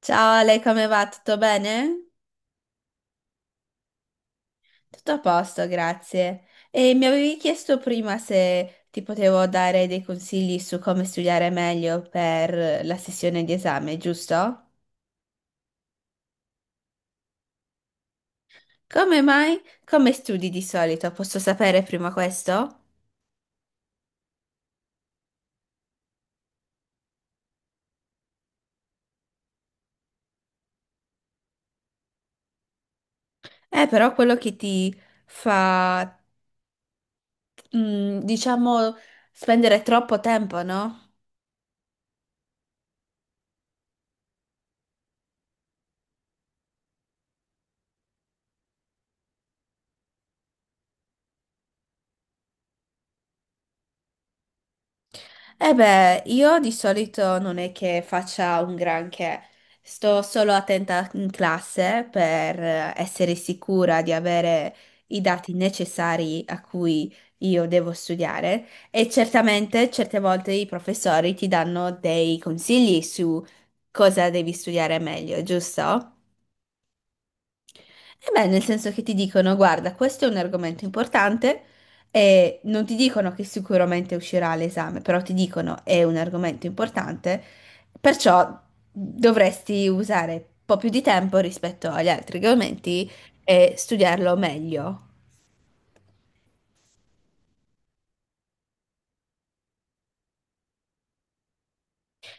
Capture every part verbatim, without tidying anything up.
Ciao Ale, come va? Tutto bene? Tutto a posto, grazie. E mi avevi chiesto prima se ti potevo dare dei consigli su come studiare meglio per la sessione di esame, giusto? Come mai? Come studi di solito? Posso sapere prima questo? Eh, però quello che ti fa, mm, diciamo, spendere troppo tempo, no? Eh beh, io di solito non è che faccia un granché, sto solo attenta in classe per essere sicura di avere i dati necessari a cui io devo studiare e certamente certe volte i professori ti danno dei consigli su cosa devi studiare meglio, giusto? E beh, nel senso che ti dicono, guarda, questo è un argomento importante e non ti dicono che sicuramente uscirà all'esame, però ti dicono è un argomento importante, perciò dovresti usare un po' più di tempo rispetto agli altri argomenti e studiarlo meglio.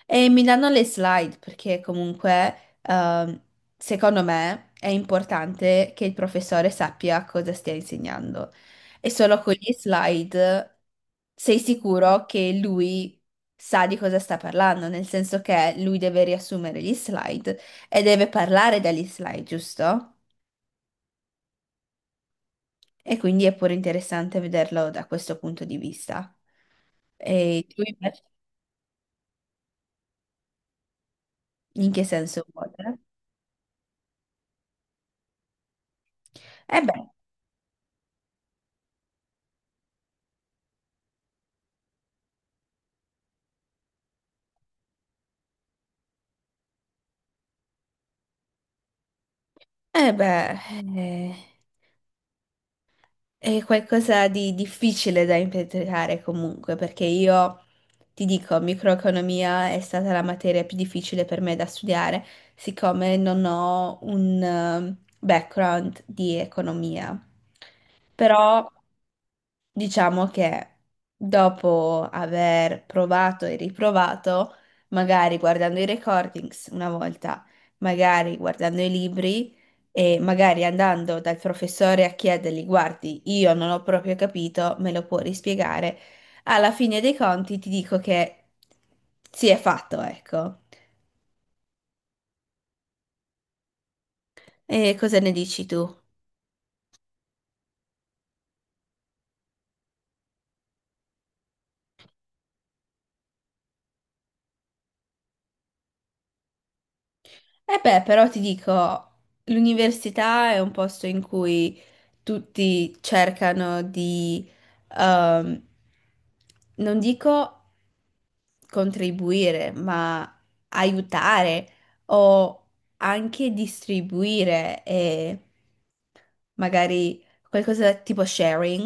E mi danno le slide perché comunque, ehm, secondo me, è importante che il professore sappia cosa stia insegnando. E solo con gli slide sei sicuro che lui sa di cosa sta parlando, nel senso che lui deve riassumere gli slide e deve parlare dagli slide, giusto? E quindi è pure interessante vederlo da questo punto di vista. E tu invece, in che senso vuole? Eh beh, eh beh, eh. È qualcosa di difficile da impiantare comunque, perché io ti dico, microeconomia è stata la materia più difficile per me da studiare, siccome non ho un eh, background di economia. Però diciamo che dopo aver provato e riprovato, magari guardando i recordings una volta, magari guardando i libri e magari andando dal professore a chiedergli, guardi, io non ho proprio capito, me lo può rispiegare? Alla fine dei conti ti dico che si è fatto, ecco. E cosa ne dici tu? Eh beh, però ti dico, l'università è un posto in cui tutti cercano di, ehm, non dico contribuire, ma aiutare o anche distribuire e magari qualcosa tipo sharing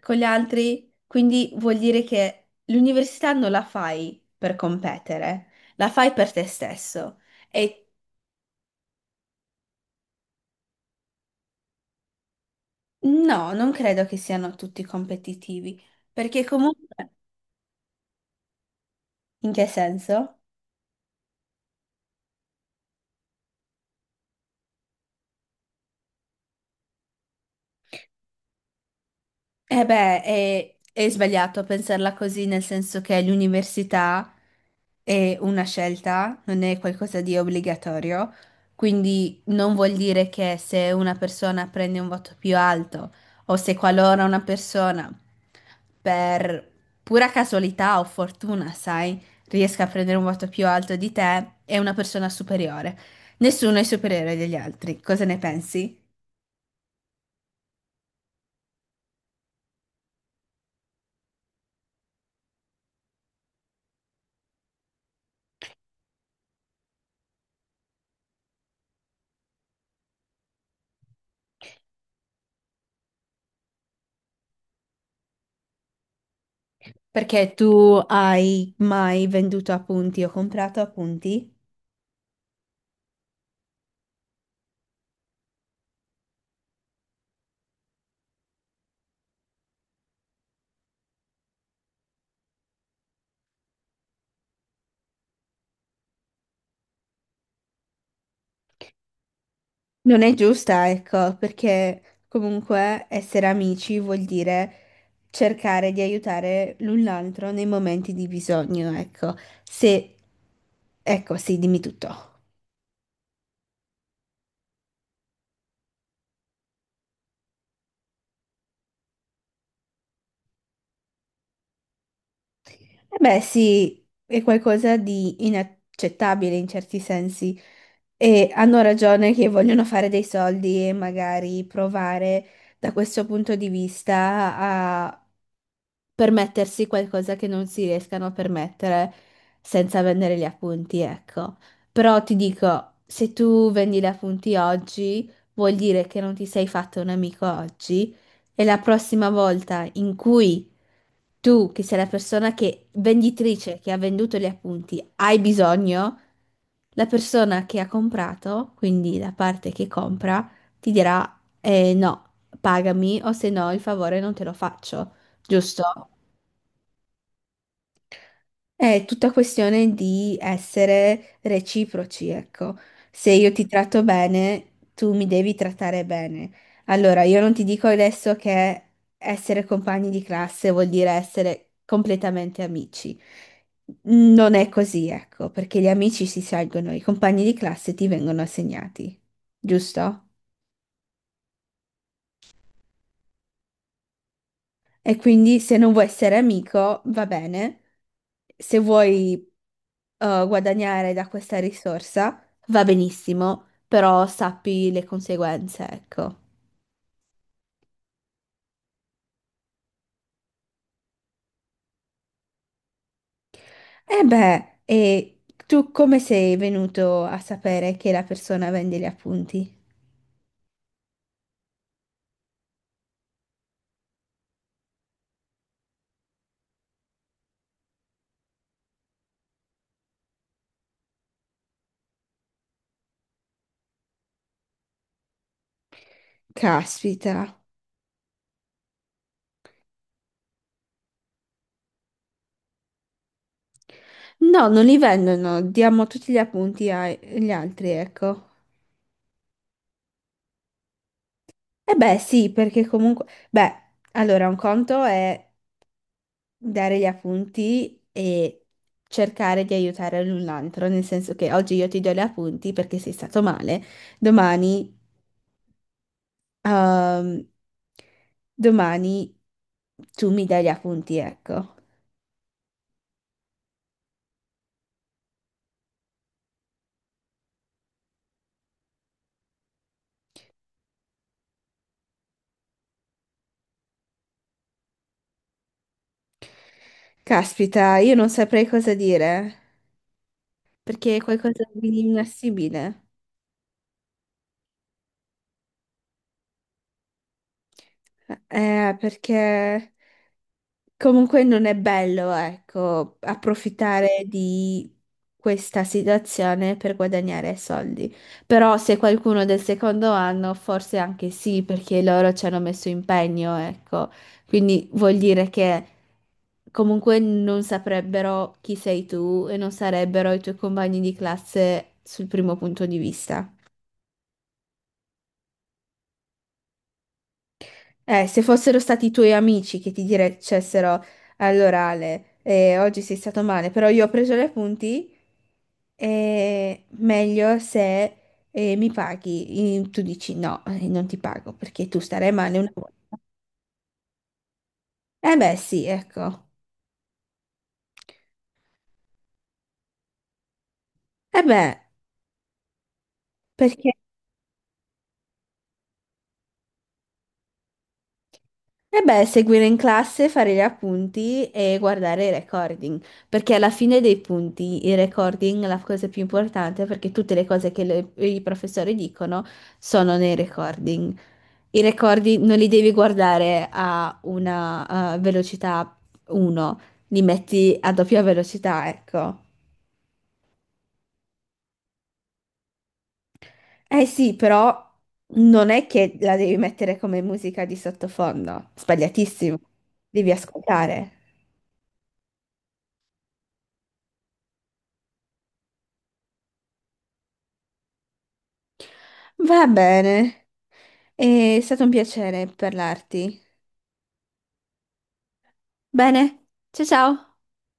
con gli altri. Quindi vuol dire che l'università non la fai per competere, la fai per te stesso. E no, non credo che siano tutti competitivi, perché comunque, in che senso? Eh beh, è, è sbagliato pensarla così, nel senso che l'università è una scelta, non è qualcosa di obbligatorio, quindi non vuol dire che se una persona prende un voto più alto o se qualora una persona per pura casualità o fortuna, sai, riesca a prendere un voto più alto di te, è una persona superiore. Nessuno è superiore degli altri. Cosa ne pensi? Perché tu hai mai venduto appunti o comprato appunti? Non è giusta, ecco, perché comunque essere amici vuol dire cercare di aiutare l'un l'altro nei momenti di bisogno, ecco. Se, ecco, sì, dimmi tutto. Eh beh, sì, è qualcosa di inaccettabile in certi sensi. E hanno ragione che vogliono fare dei soldi e magari provare da questo punto di vista a permettersi qualcosa che non si riescano a permettere senza vendere gli appunti, ecco. Però ti dico, se tu vendi gli appunti oggi, vuol dire che non ti sei fatto un amico oggi e la prossima volta in cui tu, che sei la persona che, venditrice che ha venduto gli appunti, hai bisogno, la persona che ha comprato, quindi la parte che compra, ti dirà eh, no, pagami o se no il favore non te lo faccio, giusto? È tutta questione di essere reciproci, ecco. Se io ti tratto bene, tu mi devi trattare bene. Allora, io non ti dico adesso che essere compagni di classe vuol dire essere completamente amici. Non è così, ecco, perché gli amici si scelgono, i compagni di classe ti vengono assegnati, giusto? E quindi se non vuoi essere amico, va bene. Se vuoi eh, guadagnare da questa risorsa, va benissimo, però sappi le conseguenze, ecco. E beh, e tu come sei venuto a sapere che la persona vende gli appunti? Caspita. No, non li vendono, no, diamo tutti gli appunti agli altri, ecco. E beh, sì, perché comunque... Beh, allora, un conto è dare gli appunti e cercare di aiutare l'un l'altro, nel senso che oggi io ti do gli appunti perché sei stato male, domani, ehm, domani tu mi dai gli appunti, ecco. Caspita, io non saprei cosa dire, perché è qualcosa di inassibile. Eh, perché... Comunque non è bello, ecco, approfittare di questa situazione per guadagnare soldi. Però se qualcuno del secondo anno, forse anche sì, perché loro ci hanno messo impegno, ecco. Quindi vuol dire che comunque non saprebbero chi sei tu e non sarebbero i tuoi compagni di classe sul primo punto di vista. Eh, se fossero stati i tuoi amici che ti dicessero all'orale, eh, oggi sei stato male, però io ho preso gli appunti, eh, meglio se eh, mi paghi. Eh, Tu dici no, eh, non ti pago perché tu starai male una volta. Eh beh, sì, ecco. Eh beh, perché? E beh, seguire in classe, fare gli appunti e guardare i recording, perché alla fine dei punti i recording è la cosa più importante perché tutte le cose che le- i professori dicono sono nei recording. I recording non li devi guardare a una eh, velocità uno, li metti a doppia velocità, ecco. Eh sì, però non è che la devi mettere come musica di sottofondo, sbagliatissimo, devi ascoltare. Va bene, è stato un piacere parlarti. Bene, ciao ciao.